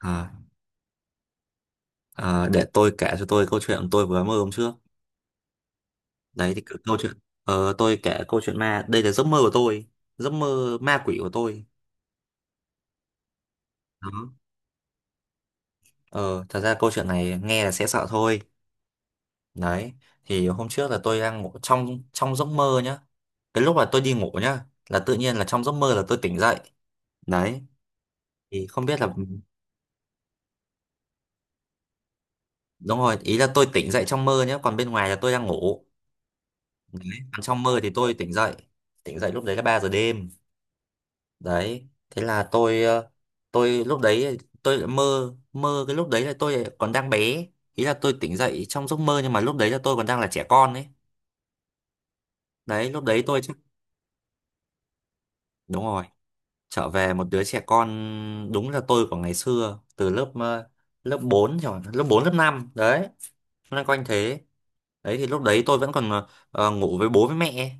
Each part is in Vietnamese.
À, để tôi kể cho tôi câu chuyện tôi vừa mơ hôm trước. Đấy thì câu chuyện tôi kể câu chuyện ma, đây là giấc mơ của tôi, giấc mơ ma quỷ của tôi. Đó. Ờ, thật ra câu chuyện này nghe là sẽ sợ thôi. Đấy. Thì hôm trước là tôi đang ngủ trong trong giấc mơ nhá. Cái lúc là tôi đi ngủ nhá, là tự nhiên là trong giấc mơ là tôi tỉnh dậy. Đấy. Thì không biết là đúng rồi, ý là tôi tỉnh dậy trong mơ nhá, còn bên ngoài là tôi đang ngủ. Đấy. Còn trong mơ thì tôi tỉnh dậy. Tỉnh dậy lúc đấy là 3 giờ đêm. Đấy thế là tôi tôi lúc đấy tôi lại mơ mơ cái lúc đấy là tôi lại còn đang bé, ý là tôi tỉnh dậy trong giấc mơ nhưng mà lúc đấy là tôi còn đang là trẻ con ấy. Đấy lúc đấy tôi chắc đúng rồi, trở về một đứa trẻ con, đúng là tôi của ngày xưa từ lớp 4 rồi lớp 4 lớp 5 đấy, loanh quanh thế. Đấy thì lúc đấy tôi vẫn còn ngủ với bố với mẹ.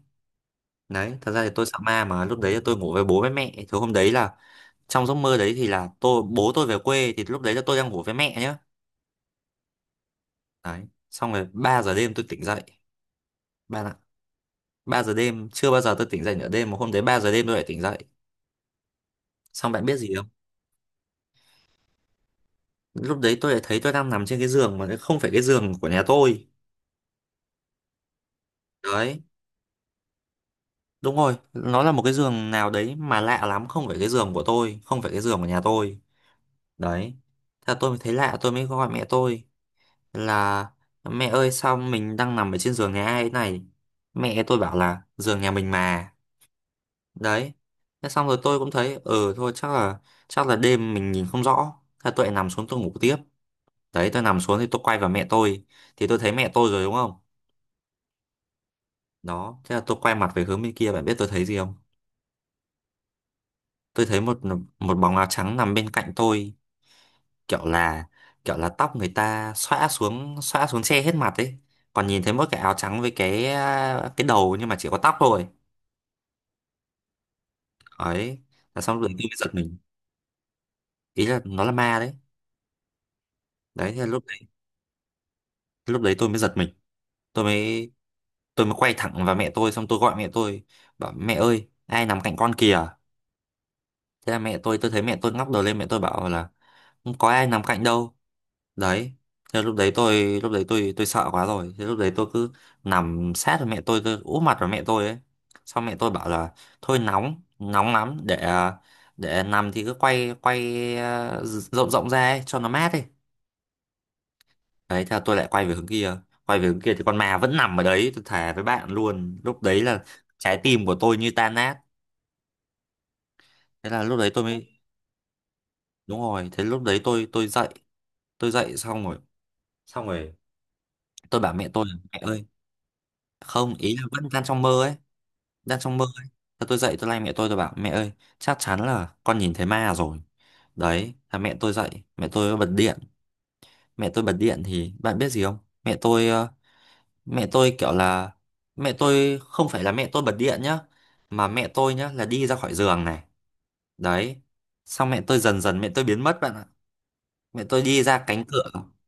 Đấy thật ra thì tôi sợ ma mà lúc đấy là tôi ngủ với bố với mẹ thứ hôm đấy là trong giấc mơ đấy thì là tôi bố tôi về quê thì lúc đấy là tôi đang ngủ với mẹ nhá. Đấy, xong rồi 3 giờ đêm tôi tỉnh dậy, ba ạ. Ba giờ đêm chưa bao giờ tôi tỉnh dậy nửa đêm mà hôm đấy 3 giờ đêm tôi lại tỉnh dậy. Xong bạn biết gì không, lúc đấy tôi lại thấy tôi đang nằm trên cái giường mà không phải cái giường của nhà tôi. Đấy đúng rồi, nó là một cái giường nào đấy mà lạ lắm, không phải cái giường của tôi, không phải cái giường của nhà tôi. Đấy thế là tôi mới thấy lạ, tôi mới gọi mẹ tôi là mẹ ơi sao mình đang nằm ở trên giường nhà ai thế này. Mẹ tôi bảo là giường nhà mình mà. Đấy thế xong rồi tôi cũng thấy ừ thôi chắc là đêm mình nhìn không rõ. Thế tôi lại nằm xuống tôi ngủ tiếp. Đấy tôi nằm xuống thì tôi quay vào mẹ tôi, thì tôi thấy mẹ tôi rồi đúng không. Đó thế là tôi quay mặt về hướng bên kia, bạn biết tôi thấy gì không, tôi thấy một một bóng áo trắng nằm bên cạnh tôi, kiểu là kiểu là tóc người ta xõa xuống, xõa xuống che hết mặt ấy, còn nhìn thấy mỗi cái áo trắng với cái đầu nhưng mà chỉ có tóc thôi ấy. Là xong rồi tôi mới giật mình, ý là nó là ma đấy. Đấy thế là lúc đấy tôi mới giật mình, tôi mới tôi mới quay thẳng vào mẹ tôi xong tôi gọi mẹ tôi, bảo mẹ ơi ai nằm cạnh con kìa. Thế là mẹ tôi thấy mẹ tôi ngóc đầu lên, mẹ tôi bảo là không có ai nằm cạnh đâu. Đấy thế lúc đấy tôi tôi sợ quá rồi, thế lúc đấy tôi cứ nằm sát vào mẹ tôi úp mặt vào mẹ tôi ấy. Xong mẹ tôi bảo là thôi nóng nóng lắm để để nằm thì cứ quay quay ờ, rộng rộng ra ấy, cho nó mát đi. Đấy theo tôi lại quay về hướng kia, quay về hướng kia thì con ma vẫn nằm ở đấy, tôi thề với bạn luôn lúc đấy là trái tim của tôi như tan nát. Thế là lúc đấy tôi mới đúng rồi, thế lúc đấy tôi dậy, tôi dậy xong rồi, xong rồi tôi bảo mẹ tôi là, mẹ ơi, không ý là vẫn đang trong mơ ấy, đang trong mơ ấy. Thế tôi dậy tôi lay mẹ tôi bảo mẹ ơi chắc chắn là con nhìn thấy ma rồi. Đấy là mẹ tôi dậy, mẹ tôi bật điện. Mẹ tôi bật điện thì bạn biết gì không, mẹ tôi ờ, mẹ tôi kiểu là mẹ tôi không phải là mẹ tôi bật điện nhá, mà mẹ tôi nhá là đi ra khỏi giường này. Đấy xong mẹ tôi dần dần mẹ tôi biến mất bạn ạ, mẹ tôi đi ra cánh cửa.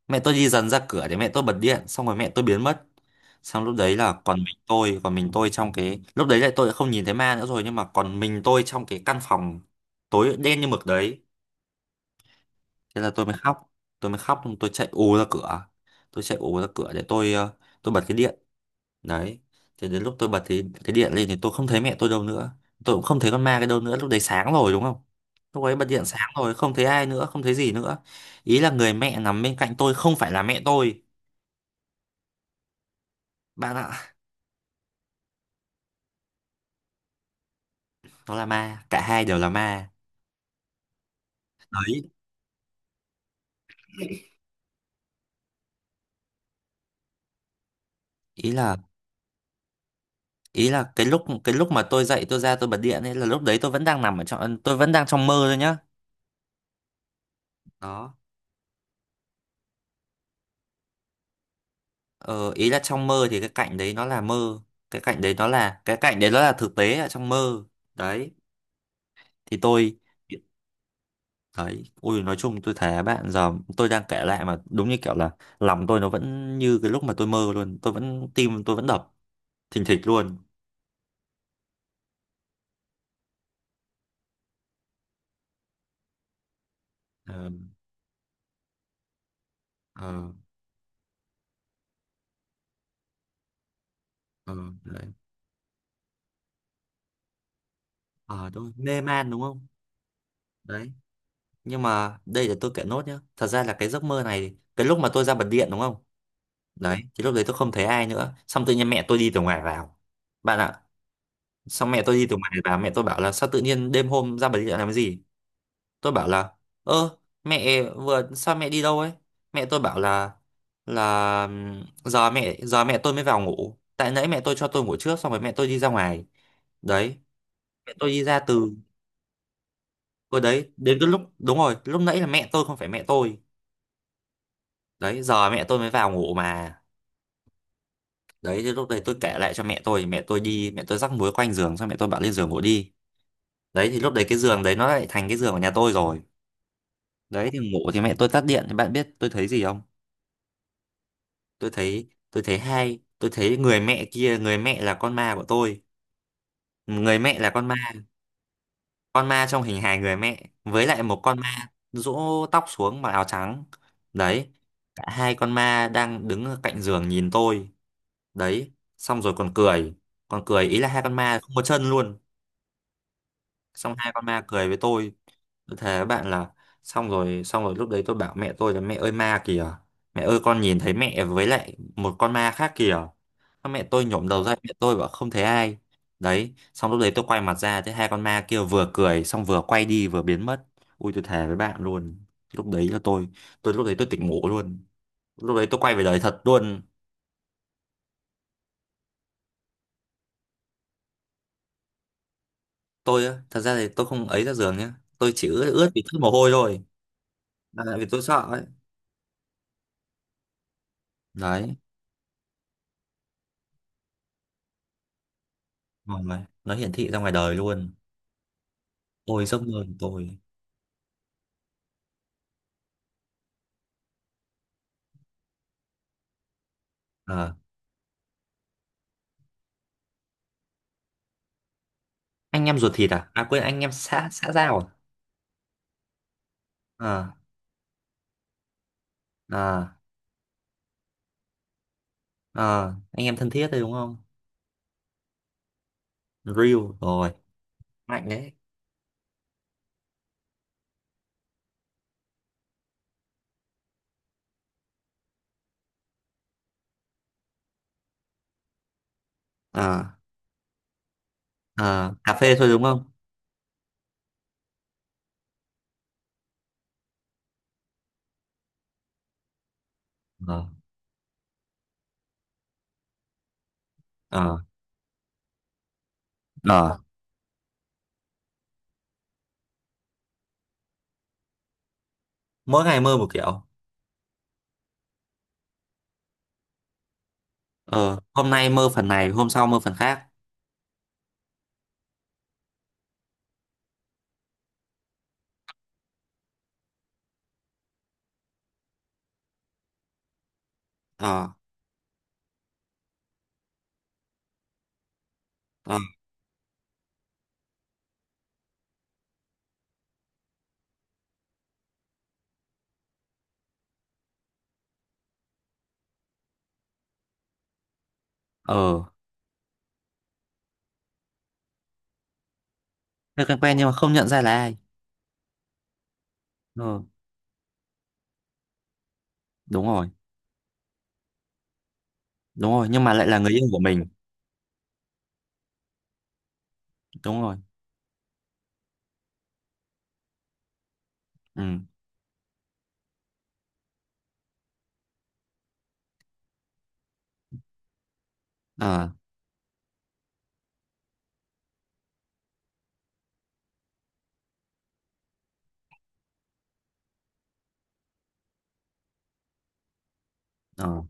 Mẹ tôi đi dần ra cửa để mẹ tôi bật điện xong rồi mẹ tôi biến mất. Xong lúc đấy là còn mình tôi, còn mình tôi trong cái lúc đấy lại tôi đã không nhìn thấy ma nữa rồi, nhưng mà còn mình tôi trong cái căn phòng tối đen như mực đấy. Thế là tôi mới khóc, tôi chạy ù ra cửa, để tôi tôi bật cái điện. Đấy thế đến lúc tôi bật thì cái điện lên thì tôi không thấy mẹ tôi đâu nữa, tôi cũng không thấy con ma cái đâu nữa, lúc đấy sáng rồi đúng không, lúc ấy bật điện sáng rồi không thấy ai nữa không thấy gì nữa. Ý là người mẹ nằm bên cạnh tôi không phải là mẹ tôi bạn ạ. Nó là ma, cả hai đều là ma. Đấy ý là ý là cái lúc mà tôi dậy tôi ra tôi bật điện ấy là lúc đấy tôi vẫn đang trong mơ thôi nhá. Đó ờ, ý là trong mơ thì cái cảnh đấy nó là mơ, cái cảnh đấy nó là thực tế ở trong mơ. Đấy thì tôi. Đấy, ui nói chung tôi thấy bạn giờ tôi đang kể lại mà đúng như kiểu là lòng tôi nó vẫn như cái lúc mà tôi mơ luôn, tôi vẫn tim tôi vẫn đập thình thịch luôn. Ờ, ờ, ờ, đấy. Ờ, tôi mê man đúng không? Đấy, nhưng mà đây là tôi kể nốt nhá. Thật ra là cái giấc mơ này, cái lúc mà tôi ra bật điện đúng không? Đấy, thì lúc đấy tôi không thấy ai nữa, xong tự nhiên mẹ tôi đi từ ngoài vào. Bạn ạ, xong mẹ tôi đi từ ngoài vào, mẹ tôi bảo là sao tự nhiên đêm hôm ra bật điện làm cái gì? Tôi bảo là ơ mẹ vừa sao mẹ đi đâu ấy. Mẹ tôi bảo là giờ mẹ tôi mới vào ngủ tại nãy mẹ tôi cho tôi ngủ trước xong rồi mẹ tôi đi ra ngoài. Đấy mẹ tôi đi ra từ cô đấy đến cái lúc đúng rồi lúc nãy là mẹ tôi không phải mẹ tôi. Đấy giờ mẹ tôi mới vào ngủ mà. Đấy thì lúc đấy tôi kể lại cho mẹ tôi thì mẹ tôi rắc muối quanh giường, xong mẹ tôi bảo lên giường ngủ đi. Đấy thì lúc đấy cái giường đấy nó lại thành cái giường của nhà tôi rồi. Đấy thì ngủ thì mẹ tôi tắt điện thì bạn biết tôi thấy gì không, tôi thấy người mẹ kia, người mẹ là con ma của tôi, người mẹ là con ma, con ma trong hình hài người mẹ với lại một con ma rũ tóc xuống mặc áo trắng. Đấy cả hai con ma đang đứng ở cạnh giường nhìn tôi. Đấy xong rồi còn cười, ý là hai con ma không có chân luôn. Xong hai con ma cười với tôi thề với bạn là xong rồi, lúc đấy tôi bảo mẹ tôi là mẹ ơi ma kìa, mẹ ơi con nhìn thấy mẹ với lại một con ma khác kìa. Xong mẹ tôi nhổm đầu ra, mẹ tôi bảo không thấy ai. Đấy xong lúc đấy tôi quay mặt ra thấy hai con ma kia vừa cười xong vừa quay đi vừa biến mất. Ui tôi thề với bạn luôn, lúc đấy là tôi tỉnh ngủ luôn, lúc đấy tôi quay về đời thật luôn. Tôi á thật ra thì tôi không ấy ra giường nhá, tôi chỉ ướt ướt vì chút mồ hôi thôi, là tại vì tôi sợ ấy. Đấy. Vâng, nó hiển thị ra ngoài đời luôn. Ôi giấc mơ của tôi. Ờ, anh em ruột thịt à? À quên anh em xã xã giao à? Ờ, ờ, ờ, anh em thân thiết đấy đúng không? Real rồi, mạnh đấy. Ờ, ờ, cà phê thôi đúng không? Ờ, ờ, ờ. Mỗi ngày mơ một kiểu. Ờ, hôm nay mơ phần này, hôm sau mơ phần khác. Ờ, ờ, ờ. Thế quen quen nhưng mà không nhận ra là ai. Ờ, đúng rồi, nhưng mà lại là người yêu của mình. Đúng rồi. Ừ. Ờ, ờ,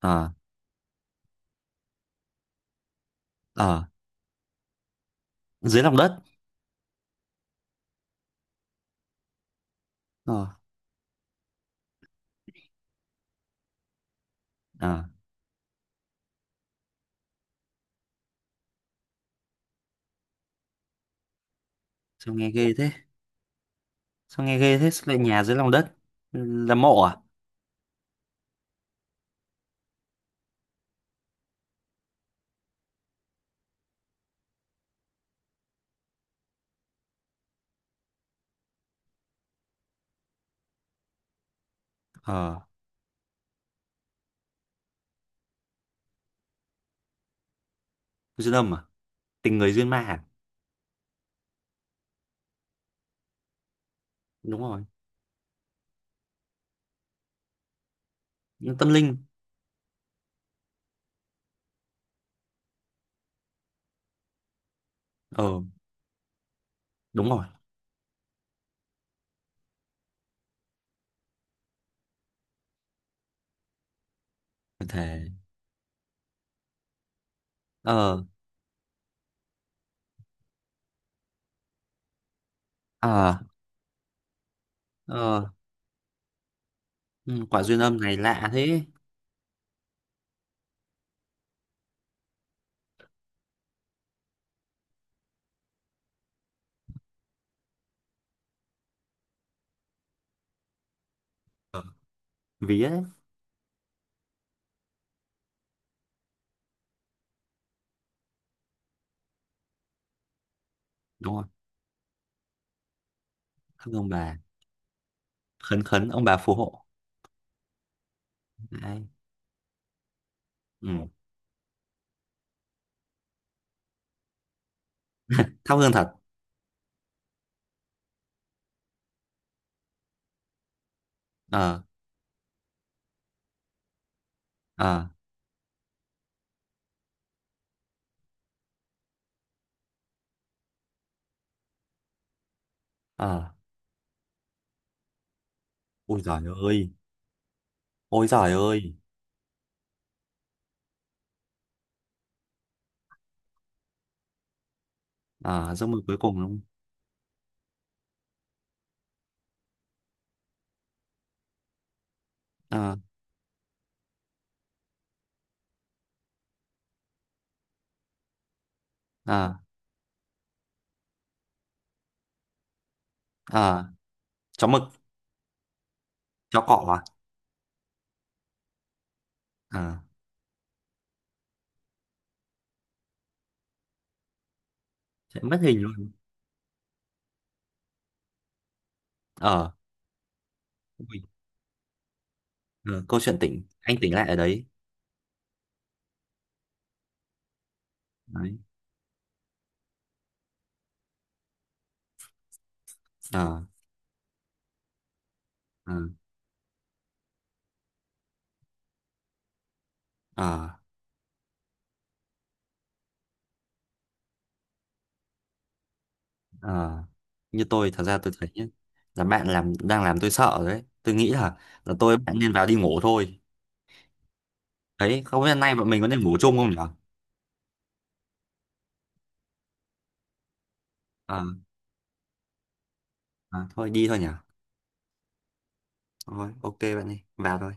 ờ. Ờ dưới lòng đất. ờ ờ Sao nghe ghê thế, sao nghe ghê thế, sao lại nhà dưới lòng đất, là mộ à? ờ Duyên âm à, tình người duyên ma à? Đúng rồi. Nhưng tâm linh. ờ Đúng rồi. Có thể. ờ ờ ờ ừ, quả duyên âm này lạ thế. Vía đấy. Đúng rồi. Thắp ông bà, khấn khấn ông bà phù hộ. Đấy. Ừ. Thắp hương thật. ờ ờ ờ Ôi giời ơi, ôi giời ơi. Ờ giấc mơ cuối cùng đúng không? ờ ờ ờ Chó mực. Chó cọ à? Ờ, chạy mất hình luôn. Ờ, ui, ờ, câu chuyện tỉnh, anh tỉnh lại ở đấy. Đấy. Ờ, ờ, ờ, ờ. Như tôi, thật ra tôi thấy nhá, là bạn làm đang làm tôi sợ rồi đấy. Tôi nghĩ là bạn nên vào đi ngủ thôi. Đấy, không biết hôm nay bọn mình có nên ngủ chung không nhỉ? Ờ, ờ, thôi đi thôi nhỉ. Thôi, ok bạn đi, vào thôi.